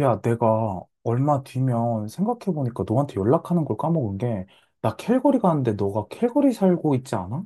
야, 내가 얼마 뒤면 생각해보니까 너한테 연락하는 걸 까먹은 게, 나 캘거리 가는데 너가 캘거리 살고 있지 않아?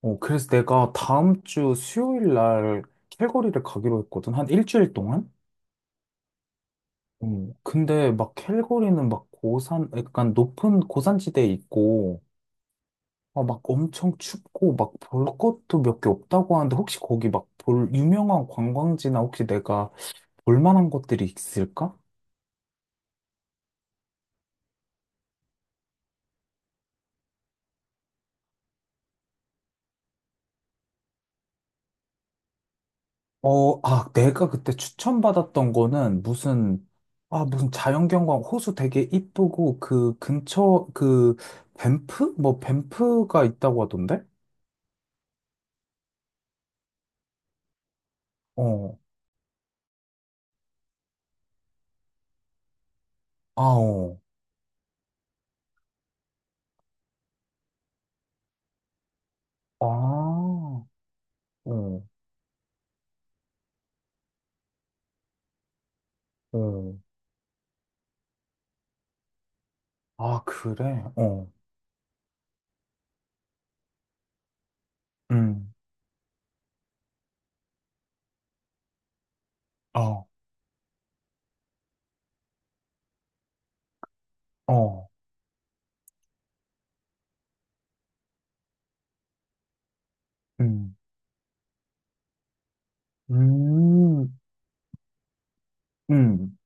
어, 그래서 내가 다음 주 수요일 날 캘거리를 가기로 했거든. 한 일주일 동안? 어, 근데 캘거리는 고산, 약간 높은 고산지대에 있고, 엄청 춥고, 볼 것도 몇 개 없다고 하는데, 혹시 거기 볼 유명한 관광지나 혹시 내가 볼 만한 것들이 있을까? 어, 아, 내가 그때 추천받았던 거는 무슨, 아, 무슨 자연경관 호수 되게 이쁘고 그 근처, 그 밴프? 뭐 밴프가 있다고 하던데? 어, 아, 어, 아, 어, 어, 아, 그래? 어, 음, 어, 어, 음, 음, 음.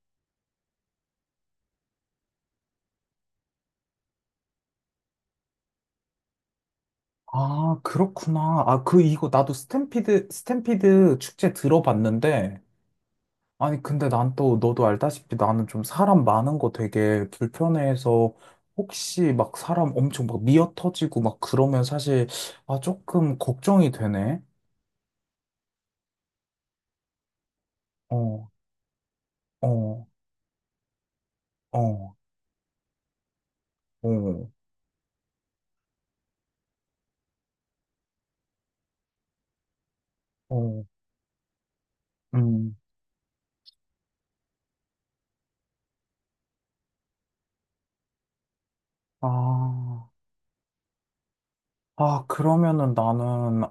아, 그렇구나. 아, 그, 이거 나도 스탬피드 축제 들어봤는데, 아니, 근데 난 또, 너도 알다시피 나는 좀 사람 많은 거 되게 불편해해서 혹시 사람 엄청 미어 터지고 그러면 사실, 아, 조금 걱정이 되네. 어, 어, 어, 어, 어, 음. 아, 아, 그러면은 나는 아,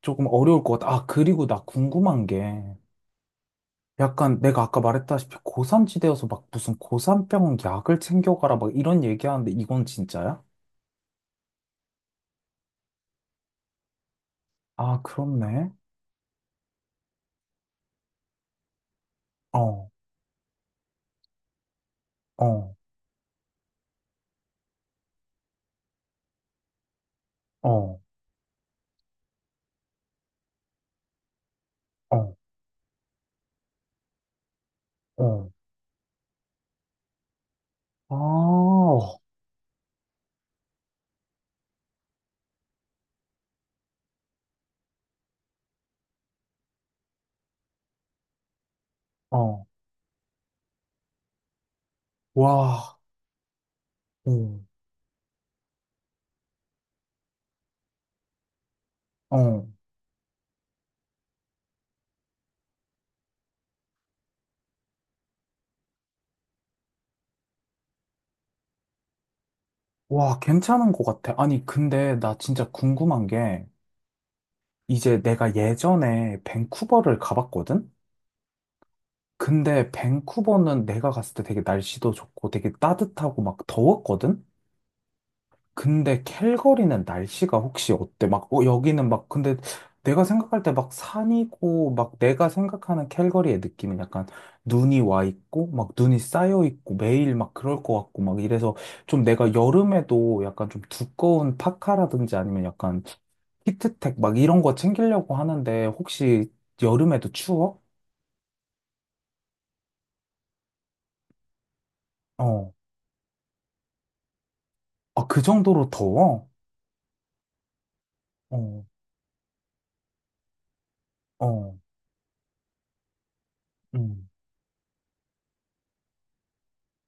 조금 어려울 것 같아. 아, 그리고 나 궁금한 게 약간 내가 아까 말했다시피 고산지대여서 무슨 고산병 약을 챙겨가라 이런 얘기하는데 이건 진짜야? 아, 그렇네. 어. 어, 어, 어, 어. 아, 어, 어. 와, 어, 어. 와, 괜찮은 것 같아. 아니, 근데 나 진짜 궁금한 게, 이제 내가 예전에 밴쿠버를 가봤거든? 근데 밴쿠버는 내가 갔을 때 되게 날씨도 좋고 되게 따뜻하고 더웠거든? 근데 캘거리는 날씨가 혹시 어때? 어, 여기는 막, 근데 내가 생각할 때 산이고, 내가 생각하는 캘거리의 느낌은 약간 눈이 와 있고, 눈이 쌓여 있고, 매일 그럴 것 같고, 이래서 좀 내가 여름에도 약간 좀 두꺼운 파카라든지 아니면 약간 히트텍 이런 거 챙기려고 하는데, 혹시 여름에도 추워? 어. 아, 그 정도로 더워? 어, 어, 음,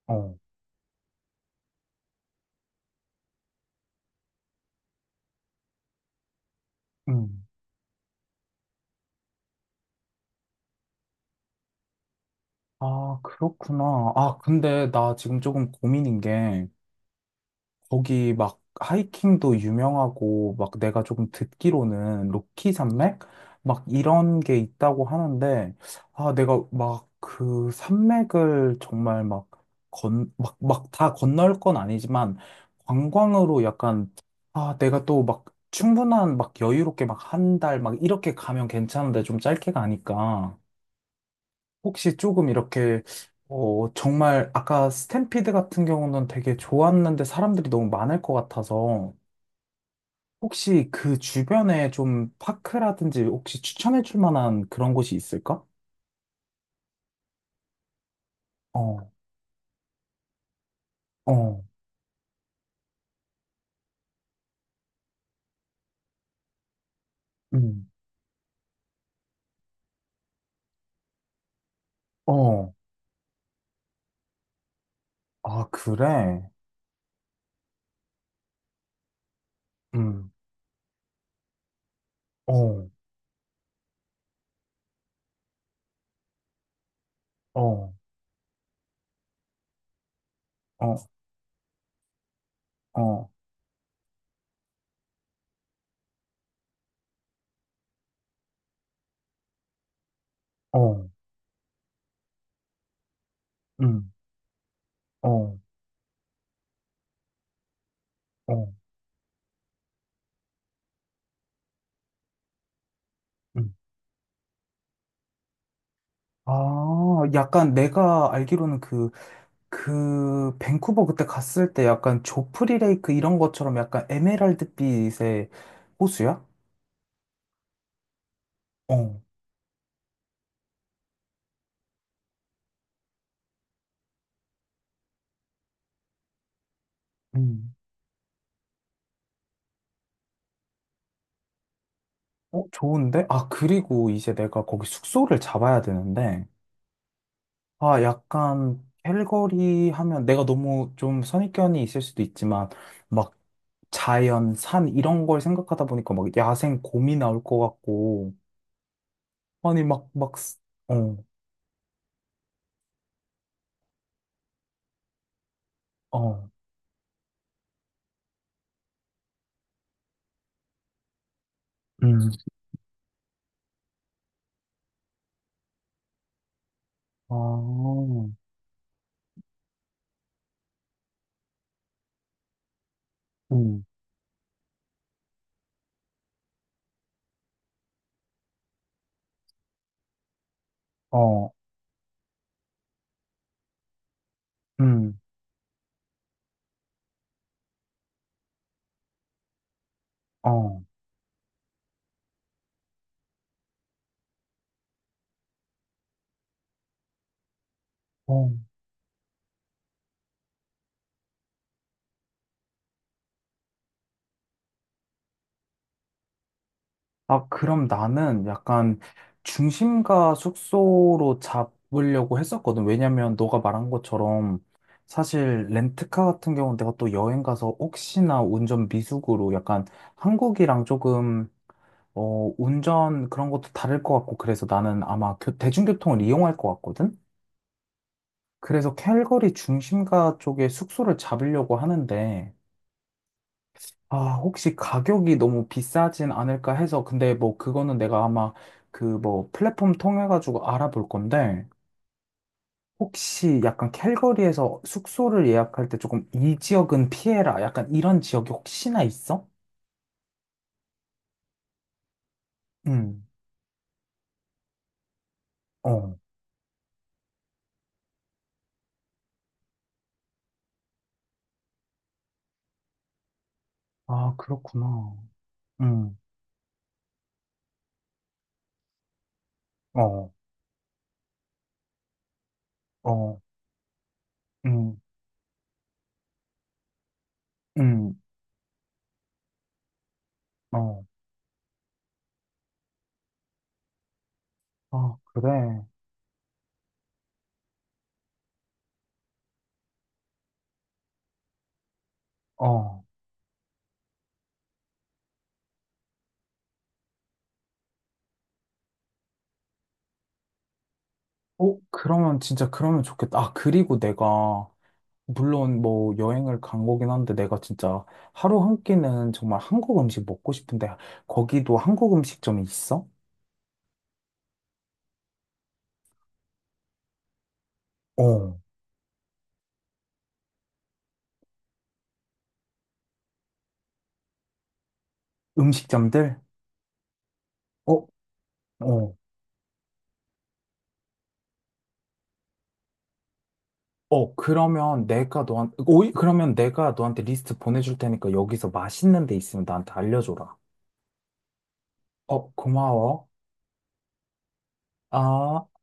어. 음. 아, 그렇구나. 아, 근데 나 지금 조금 고민인 게, 거기 하이킹도 유명하고, 내가 조금 듣기로는 로키 산맥? 이런 게 있다고 하는데, 아, 내가 그 산맥을 정말 막 건, 막, 막 다 건널 건 아니지만, 관광으로 약간, 아, 내가 또 충분한 여유롭게 한 달 이렇게 가면 괜찮은데 좀 짧게 가니까. 혹시 조금 이렇게, 어, 정말 아까 스탬피드 같은 경우는 되게 좋았는데 사람들이 너무 많을 것 같아서 혹시 그 주변에 좀 파크라든지 혹시 추천해 줄 만한 그런 곳이 있을까? 어, 어, 음, 어, 아, 그래? 음, 어, 어, 어, 어, 어, 음, 어, 어, 음. 아, 약간 내가 알기로는 밴쿠버 그때 갔을 때 약간 조프리 레이크 이런 것처럼 약간 에메랄드빛의 호수야? 어. 음. 어, 좋은데? 아, 그리고 이제 내가 거기 숙소를 잡아야 되는데, 아, 약간, 캘거리 하면 내가 너무 좀 선입견이 있을 수도 있지만, 막, 자연, 산, 이런 걸 생각하다 보니까 야생 곰이 나올 것 같고, 아니, 어, 어, 음. 아, 음. 어, 음, 어. 어. 아, 그럼 나는 약간 중심가 숙소로 잡으려고 했었거든. 왜냐면 너가 말한 것처럼 사실 렌트카 같은 경우는 내가 또 여행 가서 혹시나 운전 미숙으로 약간 한국이랑 조금 어, 운전 그런 것도 다를 것 같고 그래서 나는 아마 대중교통을 이용할 것 같거든. 그래서 캘거리 중심가 쪽에 숙소를 잡으려고 하는데 아, 혹시 가격이 너무 비싸진 않을까 해서, 근데 뭐 그거는 내가 아마 그 뭐 플랫폼 통해가지고 알아볼 건데, 혹시 약간 캘거리에서 숙소를 예약할 때 조금 이 지역은 피해라. 약간 이런 지역이 혹시나 있어? 음, 어. 아, 그렇구나. 음, 어, 어, 음, 음, 어. 아, 그래. 어. 어, 그러면 진짜 그러면 좋겠다. 아, 그리고 내가 물론 뭐 여행을 간 거긴 한데 내가 진짜 하루 한 끼는 정말 한국 음식 먹고 싶은데 거기도 한국 음식점이 있어? 어. 음식점들? 어, 어. 어, 그러면 오이, 그러면 내가 너한테 리스트 보내줄 테니까 여기서 맛있는 데 있으면 나한테 알려줘라. 어, 고마워. 아.